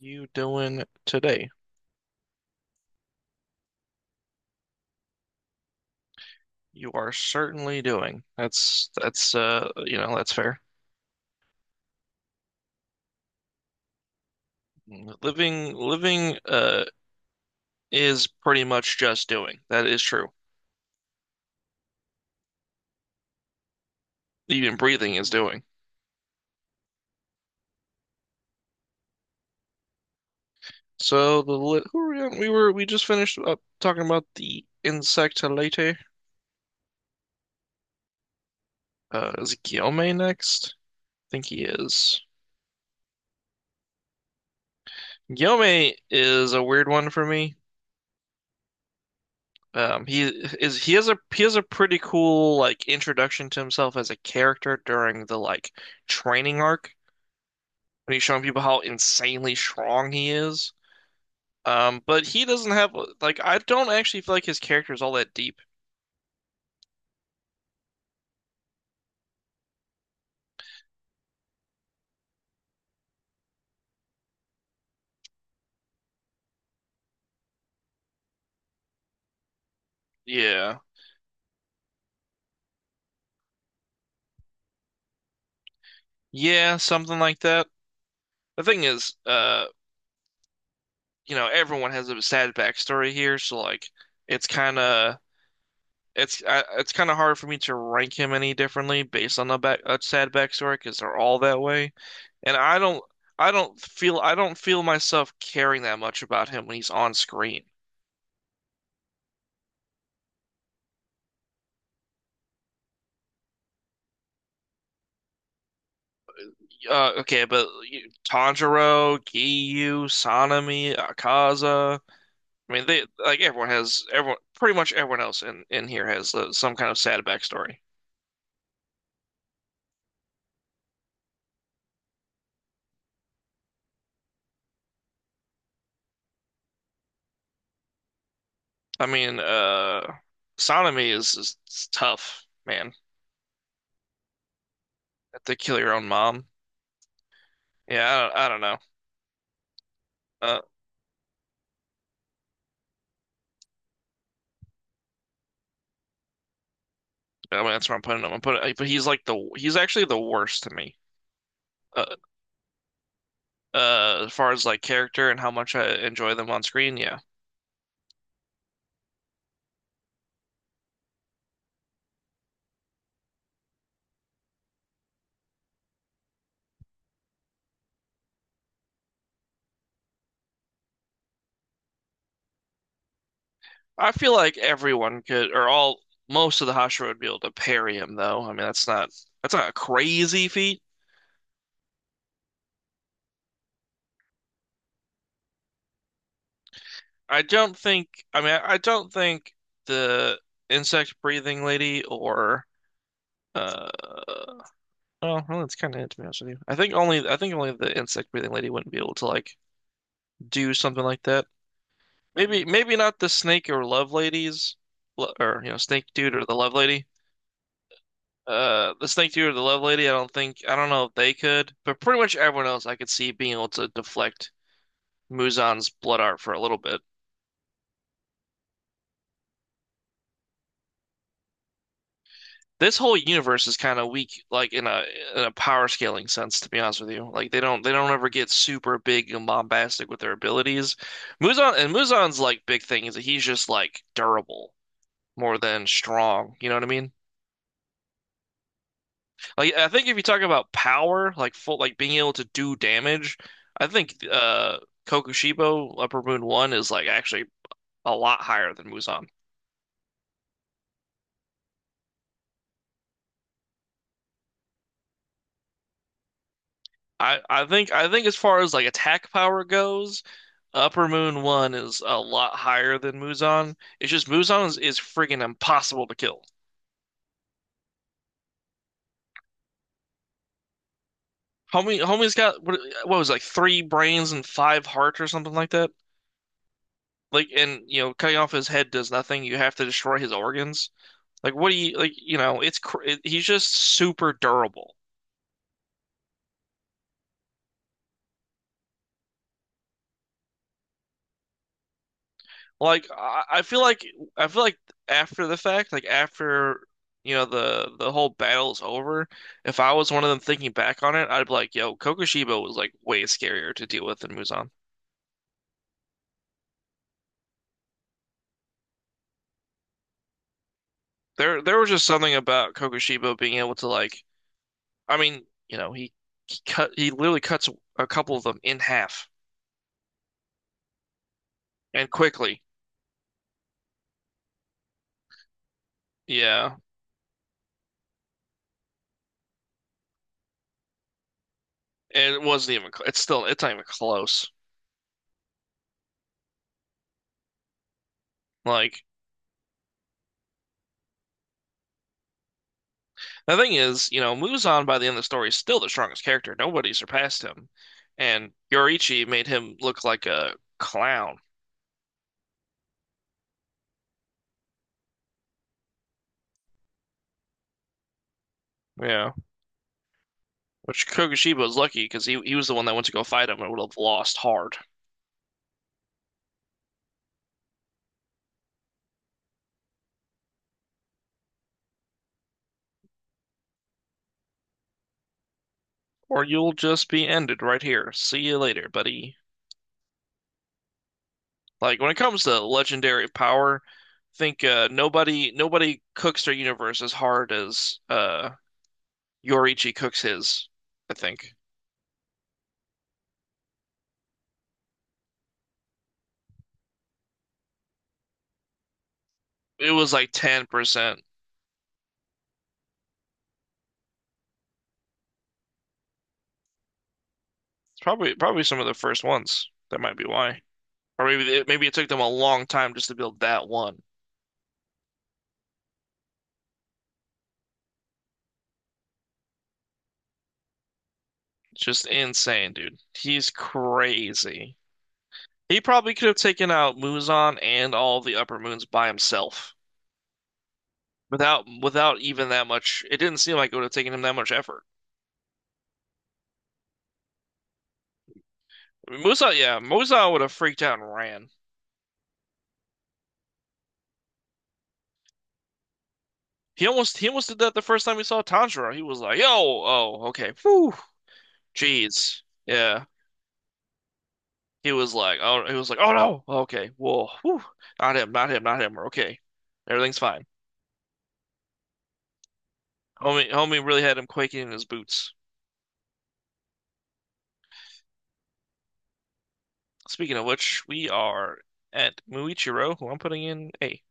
You doing today? You are certainly doing. That's that's fair. Living is pretty much just doing. That is true. Even breathing is doing. So the li who were we on? We just finished up talking about the insect later. Is Guillaume next? I think he is. Guillaume is a weird one for me. Um, he he has a pretty cool like introduction to himself as a character during the like training arc when he's showing people how insanely strong he is. But he doesn't have like I don't actually feel like his character is all that deep. Yeah, yeah, something like that. The thing is, everyone has a sad backstory here, so like it's kind of it's kind of hard for me to rank him any differently based on a sad backstory because they're all that way, and I don't feel myself caring that much about him when he's on screen. Okay, but Tanjiro, Giyu, Sanemi, Akaza. I mean, they like everyone pretty much everyone else in here has some kind of sad backstory. I mean, Sanemi is tough, man. Have to kill your own mom. Yeah, I don't know. Uh, I mean, that's where I'm putting him. But he's like the he's actually the worst to me. Uh, as far as like character and how much I enjoy them on screen, yeah. I feel like everyone could, or all most of the Hashira would be able to parry him, though. I mean, that's not a crazy feat. I don't think. I mean, I don't think the insect breathing lady or uh, oh, well, that's kind of it to be honest with you. I think only the insect breathing lady wouldn't be able to like do something like that. Maybe not the snake or love ladies, or snake dude or the love lady. The snake dude or the love lady. I don't know if they could, but pretty much everyone else I could see being able to deflect Muzan's blood art for a little bit. This whole universe is kind of weak, like in a power scaling sense, to be honest with you. Like they don't ever get super big and bombastic with their abilities. Muzan's like big thing is that he's just like durable more than strong. You know what I mean? Like I think if you talk about power, like full, like being able to do damage, I think Kokushibo Upper Moon One is like actually a lot higher than Muzan. I think as far as like attack power goes, Upper Moon One is a lot higher than Muzan. It's just Muzan is freaking impossible to kill. Homie's got what was it, like three brains and five hearts or something like that. Like, and cutting off his head does nothing. You have to destroy his organs. Like, what do you like? You know, he's just super durable. Like, I feel like after the fact, like after the whole battle's over, if I was one of them thinking back on it, I'd be like, yo, Kokushibo was like way scarier to deal with than Muzan. There was just something about Kokushibo being able to like. I mean, he literally cuts a couple of them in half and quickly. Yeah, and it wasn't even. It's still. It's not even close. Like, the thing is, Muzan by the end of the story is still the strongest character. Nobody surpassed him. And Yoichi made him look like a clown. Yeah. Which Kokushiba was lucky because he was the one that went to go fight him and would have lost hard. Or you'll just be ended right here. See you later, buddy. Like when it comes to legendary power, I think nobody cooks their universe as hard as Yoichi cooks his, I think. It was like 10%. Probably some of the first ones. That might be why. Or maybe it took them a long time just to build that one. It's just insane, dude. He's crazy. He probably could have taken out Muzan and all the upper moons by himself without even that much. It didn't seem like it would have taken him that much effort. I mean, Muzan, yeah, Muzan would have freaked out and ran. He almost did that the first time he saw Tanjiro. He was like, "Yo, oh, okay, whew, jeez, yeah." He was like, oh no, okay, well, whew. Not him, not him, not him. We're okay, everything's fine. Homie really had him quaking in his boots. Speaking of which, we are at Muichiro, who I'm putting in A.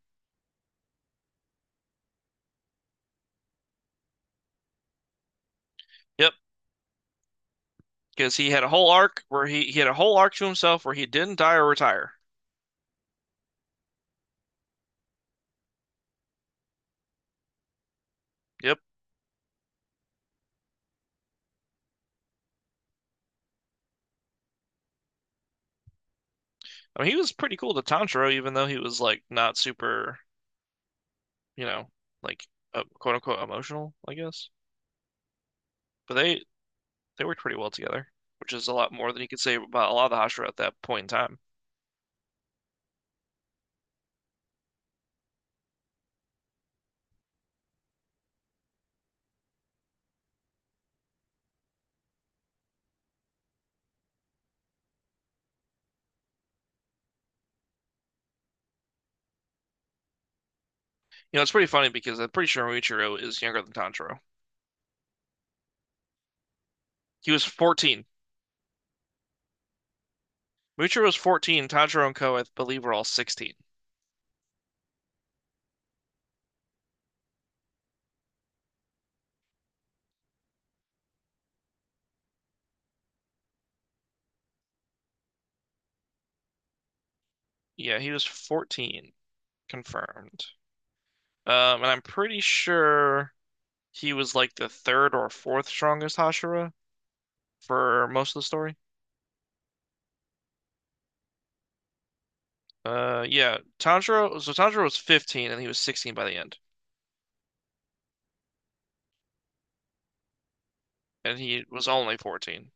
Yep, because he had a whole arc where he had a whole arc to himself where he didn't die or retire. Yep. I mean he was pretty cool to Tanjiro, even though he was like not super, you know, like quote unquote emotional, I guess. But they worked pretty well together, which is a lot more than you could say about a lot of the Hashira at that point in time. You know, it's pretty funny because I'm pretty sure Muichiro is younger than Tanjiro. He was 14. Muichiro was 14. Tanjiro and Co, I believe, were all 16. Yeah, he was 14, confirmed. And I'm pretty sure he was like the third or fourth strongest Hashira for most of the story. Yeah, Tanjiro. So Tanjiro was 15 and he was 16 by the end, and he was only 14.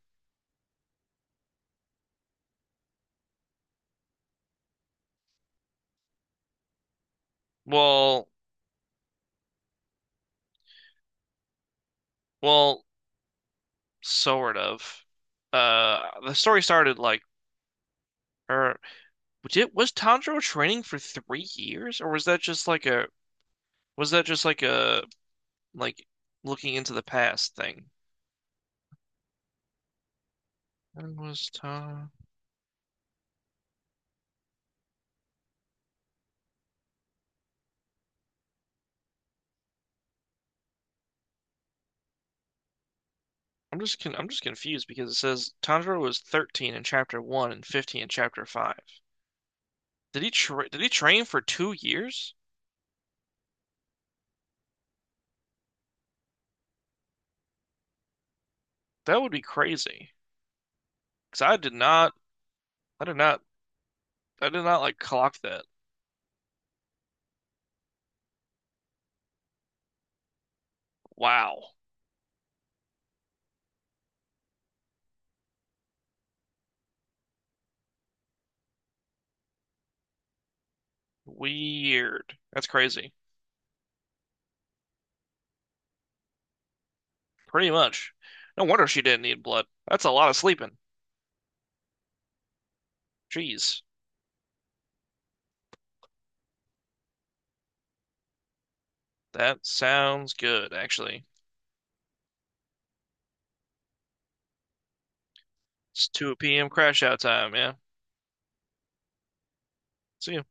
Well, well, sort of. Uh, the story started like, or Which it was Tanjiro training for 3 years, or was that just like a was that just like a like looking into the past thing? When was Ta I'm just confused because it says Tanjiro was 13 in chapter 1 and 15 in chapter 5. Did he train for 2 years? That would be crazy. Because I did not I did not I did not like clock that. Wow. Weird. That's crazy. Pretty much. No wonder she didn't need blood. That's a lot of sleeping. Jeez. That sounds good, actually. It's 2 p.m. crash out time, yeah. See ya.